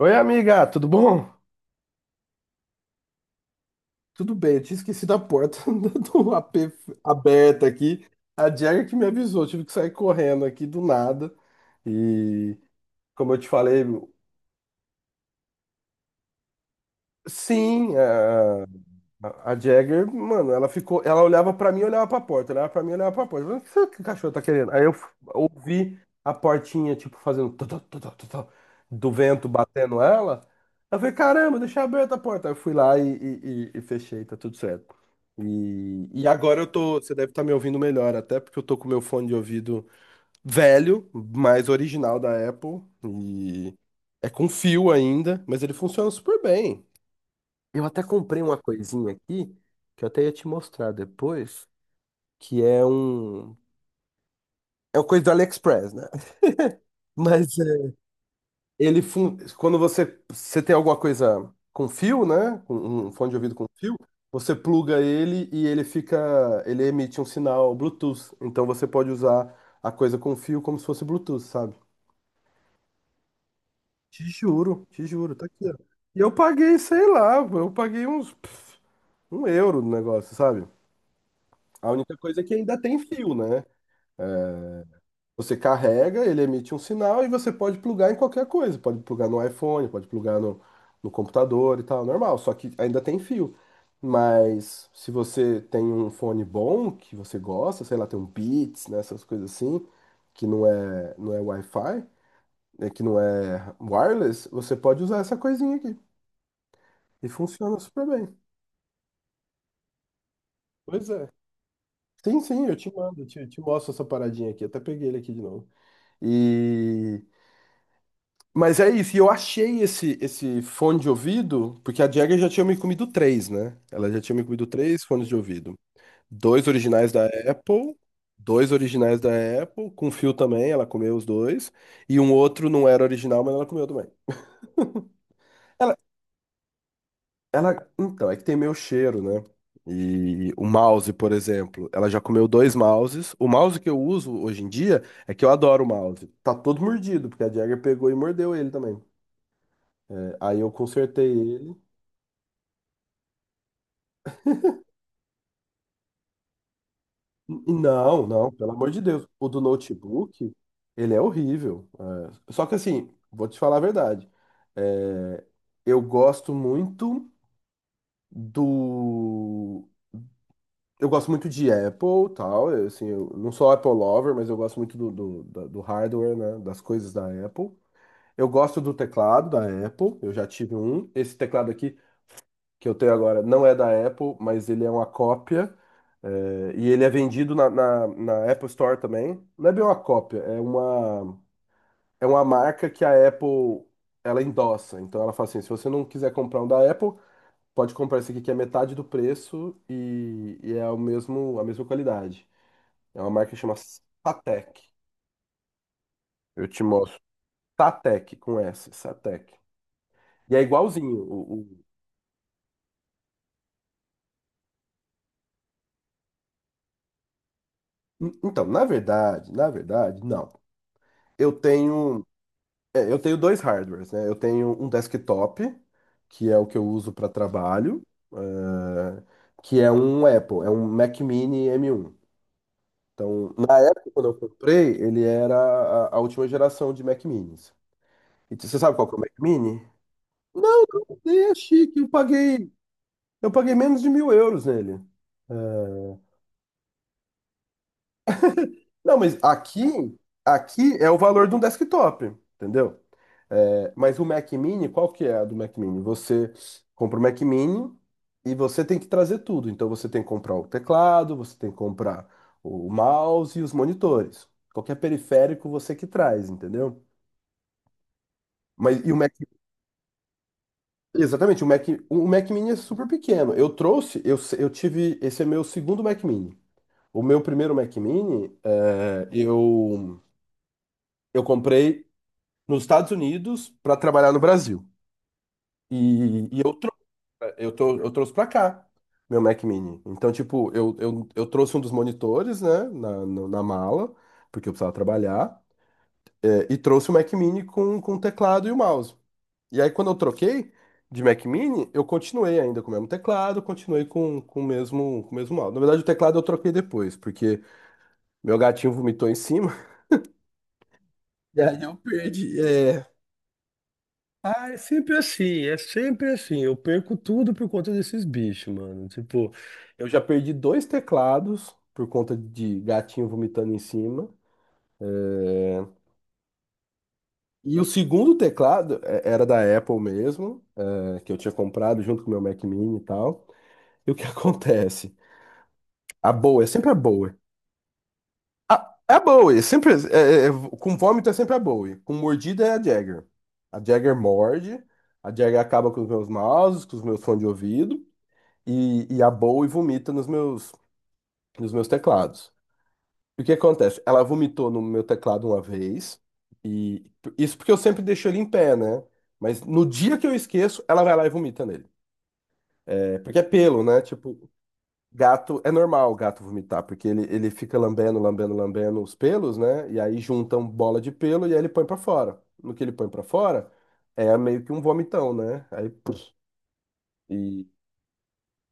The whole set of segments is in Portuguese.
Oi, amiga, tudo bom? Tudo bem, eu tinha esquecido a porta do AP aberta aqui. A Jagger que me avisou, eu tive que sair correndo aqui do nada. E como eu te falei, sim, é, a Jagger, mano, ela ficou, ela olhava pra mim, olhava pra porta, olhava pra mim, olhava pra porta. Eu falei, o que o cachorro tá querendo? Aí eu ouvi a portinha, tipo, fazendo tó, tó, tó, tó, tó, tó, do vento batendo ela. Eu falei, caramba, deixa aberta a porta. Aí eu fui lá e fechei, tá tudo certo. E agora eu tô, você deve estar me ouvindo melhor, até porque eu tô com meu fone de ouvido velho, mas original da Apple, e é com fio ainda, mas ele funciona super bem. Eu até comprei uma coisinha aqui, que eu até ia te mostrar depois, que é um. É uma coisa do AliExpress, né? Mas é, ele. Quando você tem alguma coisa com fio, né? Com Um fone de ouvido com fio, você pluga ele e ele fica. Ele emite um sinal Bluetooth. Então você pode usar a coisa com fio como se fosse Bluetooth, sabe? Te juro, tá aqui, ó. E eu paguei, sei lá, eu paguei uns um euro no negócio, sabe? A única coisa é que ainda tem fio, né? É, você carrega, ele emite um sinal e você pode plugar em qualquer coisa. Pode plugar no iPhone, pode plugar no computador e tal, normal. Só que ainda tem fio. Mas se você tem um fone bom, que você gosta, sei lá, tem um Beats, né, essas coisas assim, que não é Wi-Fi, né, que não é wireless, você pode usar essa coisinha aqui. E funciona super bem. Pois é. Sim, sim, eu te mando, eu te mostro essa paradinha aqui. Até peguei ele aqui de novo. E. Mas é isso, e eu achei esse fone de ouvido, porque a Jagger já tinha me comido três, né? Ela já tinha me comido três fones de ouvido. Dois originais da Apple, dois originais da Apple, com fio também, ela comeu os dois, e um outro não era original, mas ela comeu também. Ela, ela então, é que tem meu cheiro, né? E o mouse, por exemplo, ela já comeu dois mouses. O mouse que eu uso hoje em dia é que eu adoro o mouse. Tá todo mordido, porque a Jagger pegou e mordeu ele também. É, aí eu consertei ele. Não, não, pelo amor de Deus. O do notebook, ele é horrível. É, só que assim, vou te falar a verdade. É, eu gosto muito do. Eu gosto muito de Apple, tal. Assim, eu não sou Apple lover, mas eu gosto muito do hardware, né? Das coisas da Apple. Eu gosto do teclado da Apple. Eu já tive um. Esse teclado aqui que eu tenho agora não é da Apple, mas ele é uma cópia. É, e ele é vendido na Apple Store também. Não é bem uma cópia, é uma marca que a Apple ela endossa. Então ela fala assim: se você não quiser comprar um da Apple, pode comprar esse aqui que é metade do preço e é a mesma qualidade. É uma marca que chama Satec. Eu te mostro. Satec com S, Satec. E é igualzinho. Então, na verdade, não. Eu tenho. É, eu tenho dois hardwares, né? Eu tenho um desktop, que é o que eu uso para trabalho, eh, que é um Apple, é um Mac Mini m um. Então, na época, quando eu comprei, ele era a última geração de Mac Minis. E você sabe qual que é o Mac Mini? Não, nem é chique, eu paguei menos de 1.000 euros nele. Não, mas aqui, aqui é o valor de um desktop, entendeu? É, mas o Mac Mini, qual que é a do Mac Mini? Você compra o Mac Mini e você tem que trazer tudo. Então você tem que comprar o teclado, você tem que comprar o mouse e os monitores. Qualquer periférico você que traz, entendeu? Mas e o Mac, exatamente, o Mac Mini é super pequeno. Eu trouxe, eu tive, esse é meu segundo Mac Mini. O meu primeiro Mac Mini, é, eu comprei nos Estados Unidos para trabalhar no Brasil. E, e eu, trou eu trouxe para cá meu Mac Mini. Então, tipo, eu trouxe um dos monitores, né, na mala, porque eu precisava trabalhar, é, e trouxe o Mac Mini com o teclado e o mouse. E aí, quando eu troquei de Mac Mini, eu continuei ainda com o mesmo teclado, continuei com o mesmo mouse. Na verdade, o teclado eu troquei depois, porque meu gatinho vomitou em cima, e aí eu perdi. É, é sempre assim, é sempre assim. Eu perco tudo por conta desses bichos, mano. Tipo, eu já perdi dois teclados por conta de gatinho vomitando em cima. É, e o segundo teclado é, era da Apple mesmo, é, que eu tinha comprado junto com o meu Mac Mini e tal. E o que acontece? A Bowie, é sempre a Bowie. A, é a Bowie, é sempre, com vômito é sempre a Bowie. Com mordida é a Jagger. A Jagger morde, a Jagger acaba com os meus mouses, com os meus fones de ouvido. A Bowie vomita nos meus teclados. E o que acontece? Ela vomitou no meu teclado uma vez, e isso porque eu sempre deixo ele em pé, né? Mas no dia que eu esqueço, ela vai lá e vomita nele. É, porque é pelo, né? Tipo, gato, é normal o gato vomitar, porque ele fica lambendo, lambendo, lambendo os pelos, né? E aí juntam bola de pelo e aí ele põe pra fora. No que ele põe pra fora, é meio que um vomitão, né? Aí, puf, e,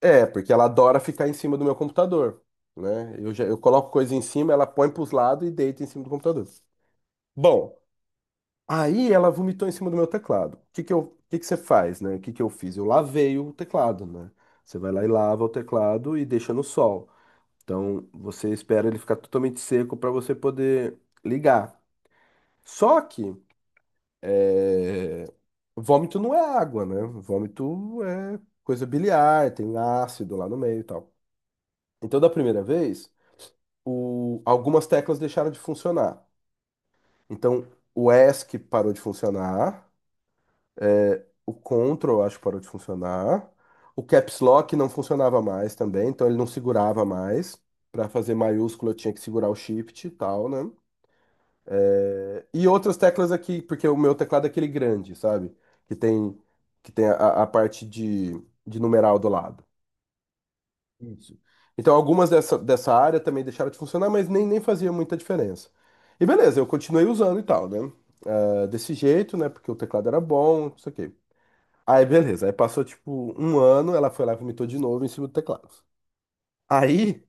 é, porque ela adora ficar em cima do meu computador, né? Eu coloco coisa em cima, ela põe para os lados e deita em cima do computador. Bom, aí ela vomitou em cima do meu teclado. O que que você faz, né? O que que eu fiz? Eu lavei o teclado, né? Você vai lá e lava o teclado e deixa no sol. Então, você espera ele ficar totalmente seco para você poder ligar. Só que, é, vômito não é água, né? Vômito é coisa biliar, tem ácido lá no meio e tal. Então, da primeira vez. Algumas teclas deixaram de funcionar. Então, o ESC parou de funcionar, é, o Ctrl, acho que parou de funcionar, o Caps Lock não funcionava mais também, então ele não segurava mais. Para fazer maiúsculo, eu tinha que segurar o Shift e tal, né? É, e outras teclas aqui, porque o meu teclado é aquele grande, sabe? Que tem, que tem a parte de numeral do lado. Isso. Então, dessa área também deixaram de funcionar, mas nem fazia muita diferença. E beleza, eu continuei usando e tal, né? Ah, desse jeito, né? Porque o teclado era bom, não sei o quê. Aí, beleza. Aí passou, tipo, um ano, ela foi lá e vomitou de novo em cima do teclado. Aí,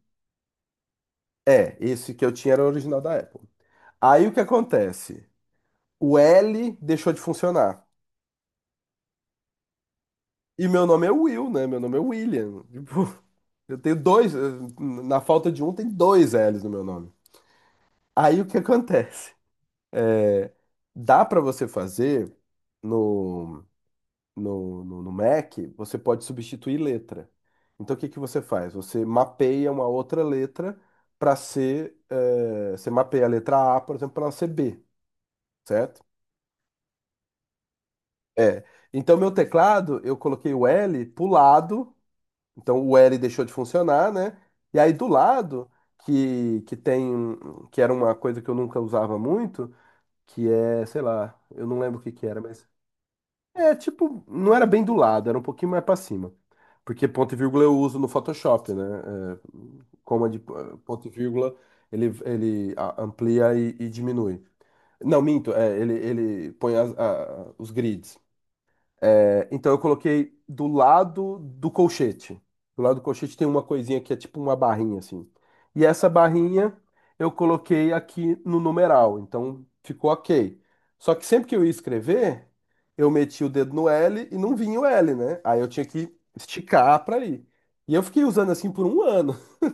é, esse que eu tinha era o original da Apple. Aí o que acontece? O L deixou de funcionar. E meu nome é Will, né? Meu nome é William. Tipo, eu tenho dois, na falta de um, tem 2 L's no meu nome. Aí o que acontece? Dá para você fazer no, no Mac, você pode substituir letra. Então, o que que você faz? Você mapeia uma outra letra para ser. Você mapeia a letra A, por exemplo, para ela ser B, certo? É. Então, meu teclado, eu coloquei o L pro lado, então o L deixou de funcionar, né? E aí do lado, que tem. Que era uma coisa que eu nunca usava muito, que é, sei lá, eu não lembro o que que era, mas. É, tipo, não era bem do lado, era um pouquinho mais pra cima. Porque ponto e vírgula eu uso no Photoshop, né? É, coma de ponto e vírgula, ele amplia e diminui. Não, minto, é, ele põe os grids. É, então eu coloquei do lado do colchete. Do lado do colchete tem uma coisinha que é tipo uma barrinha assim. E essa barrinha eu coloquei aqui no numeral. Então ficou ok. Só que sempre que eu ia escrever, eu metia o dedo no L e não vinha o L, né? Aí eu tinha que esticar para ir. E eu fiquei usando assim por um ano.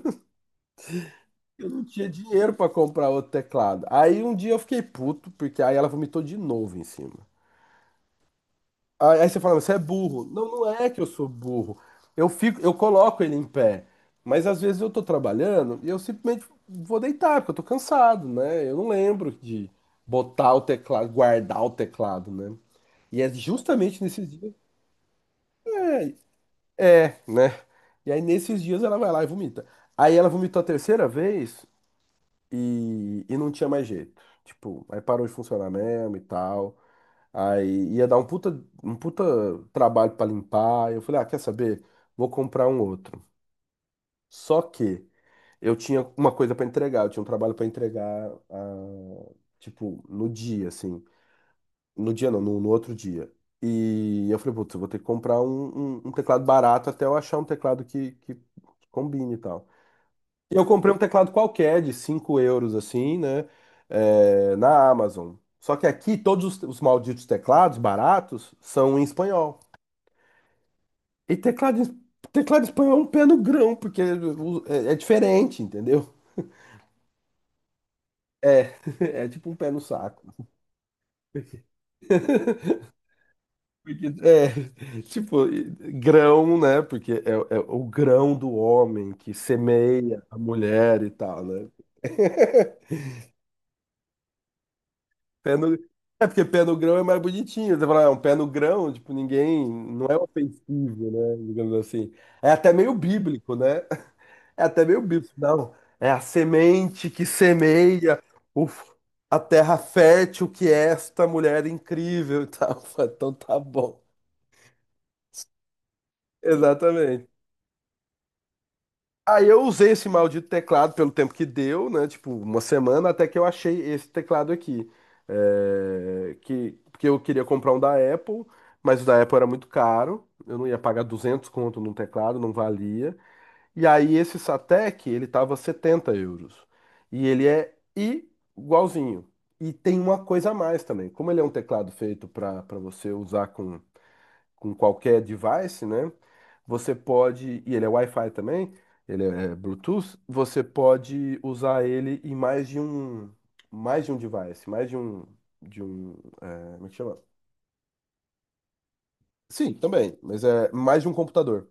Eu não tinha dinheiro para comprar outro teclado. Aí um dia eu fiquei puto, porque aí ela vomitou de novo em cima. Aí você fala, você é burro. Não, não é que eu sou burro. Eu coloco ele em pé. Mas às vezes eu tô trabalhando e eu simplesmente vou deitar, porque eu tô cansado, né? Eu não lembro de botar o teclado, guardar o teclado, né? E é justamente nesses dias. É, é, né? E aí nesses dias ela vai lá e vomita. Aí ela vomitou a terceira vez e não tinha mais jeito. Tipo, aí parou de funcionar mesmo e tal. Aí ia dar um puta trabalho pra limpar. Eu falei, ah, quer saber? Vou comprar um outro. Só que eu tinha uma coisa pra entregar, eu tinha um trabalho pra entregar, ah, tipo, no dia, assim. No dia não, no outro dia. E eu falei, putz, eu vou ter que comprar um teclado barato até eu achar um teclado que combine e tal. E eu comprei um teclado qualquer de 5 euros, assim, né? É, na Amazon. Só que aqui todos os malditos teclados baratos são em espanhol. E teclado em espanhol é um pé no grão, porque é, é diferente, entendeu? É, é tipo um pé no saco. Porque, é, tipo, grão, né? Porque é, é o grão do homem que semeia a mulher e tal, né? Pé no... É porque pé no grão é mais bonitinho. Você fala, ah, é um pé no grão, tipo, ninguém. Não é ofensivo, né? Digamos assim. É até meio bíblico, né? É até meio bíblico. Não, é a semente que semeia o... a terra fértil que esta mulher incrível e tal. Então tá bom. Exatamente. Aí eu usei esse maldito teclado pelo tempo que deu, né? Tipo, uma semana, até que eu achei esse teclado aqui. É, porque eu queria comprar um da Apple, mas o da Apple era muito caro. Eu não ia pagar 200 conto num teclado, não valia. E aí esse Satek, ele tava 70 euros. E ele é igualzinho. E tem uma coisa a mais também. Como ele é um teclado feito para você usar com qualquer device, né? Você pode, e ele é Wi-Fi também, ele é Bluetooth, você pode usar ele em mais de um device, mais de um, é, como é que chama? Sim, também, mas é mais de um computador.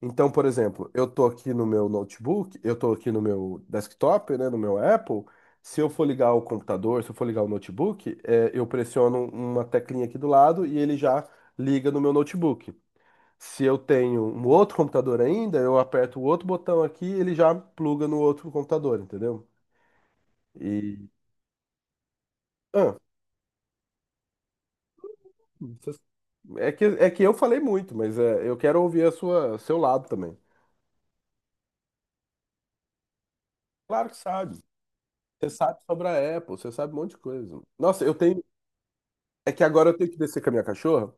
Então, por exemplo, eu tô aqui no meu notebook, eu tô aqui no meu desktop, né, no meu Apple. Se eu for ligar o computador, se eu for ligar o notebook, é, eu pressiono uma teclinha aqui do lado e ele já liga no meu notebook. Se eu tenho um outro computador ainda, eu aperto o outro botão aqui, e ele já pluga no outro computador, entendeu? E ah, vocês- é que eu falei muito, mas é, eu quero ouvir a sua seu lado também. Claro que sabe. Você sabe sobre a Apple, você sabe um monte de coisa. Nossa, eu tenho é que agora eu tenho que descer com a minha cachorra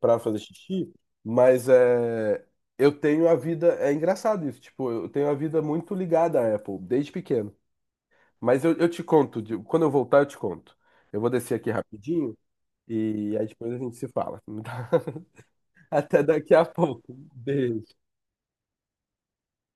pra fazer xixi, mas é eu tenho a vida é engraçado isso, tipo, eu tenho a vida muito ligada à Apple desde pequeno. Mas eu te conto, quando eu voltar eu te conto. Eu vou descer aqui rapidinho e aí depois a gente se fala. Até daqui a pouco. Beijo.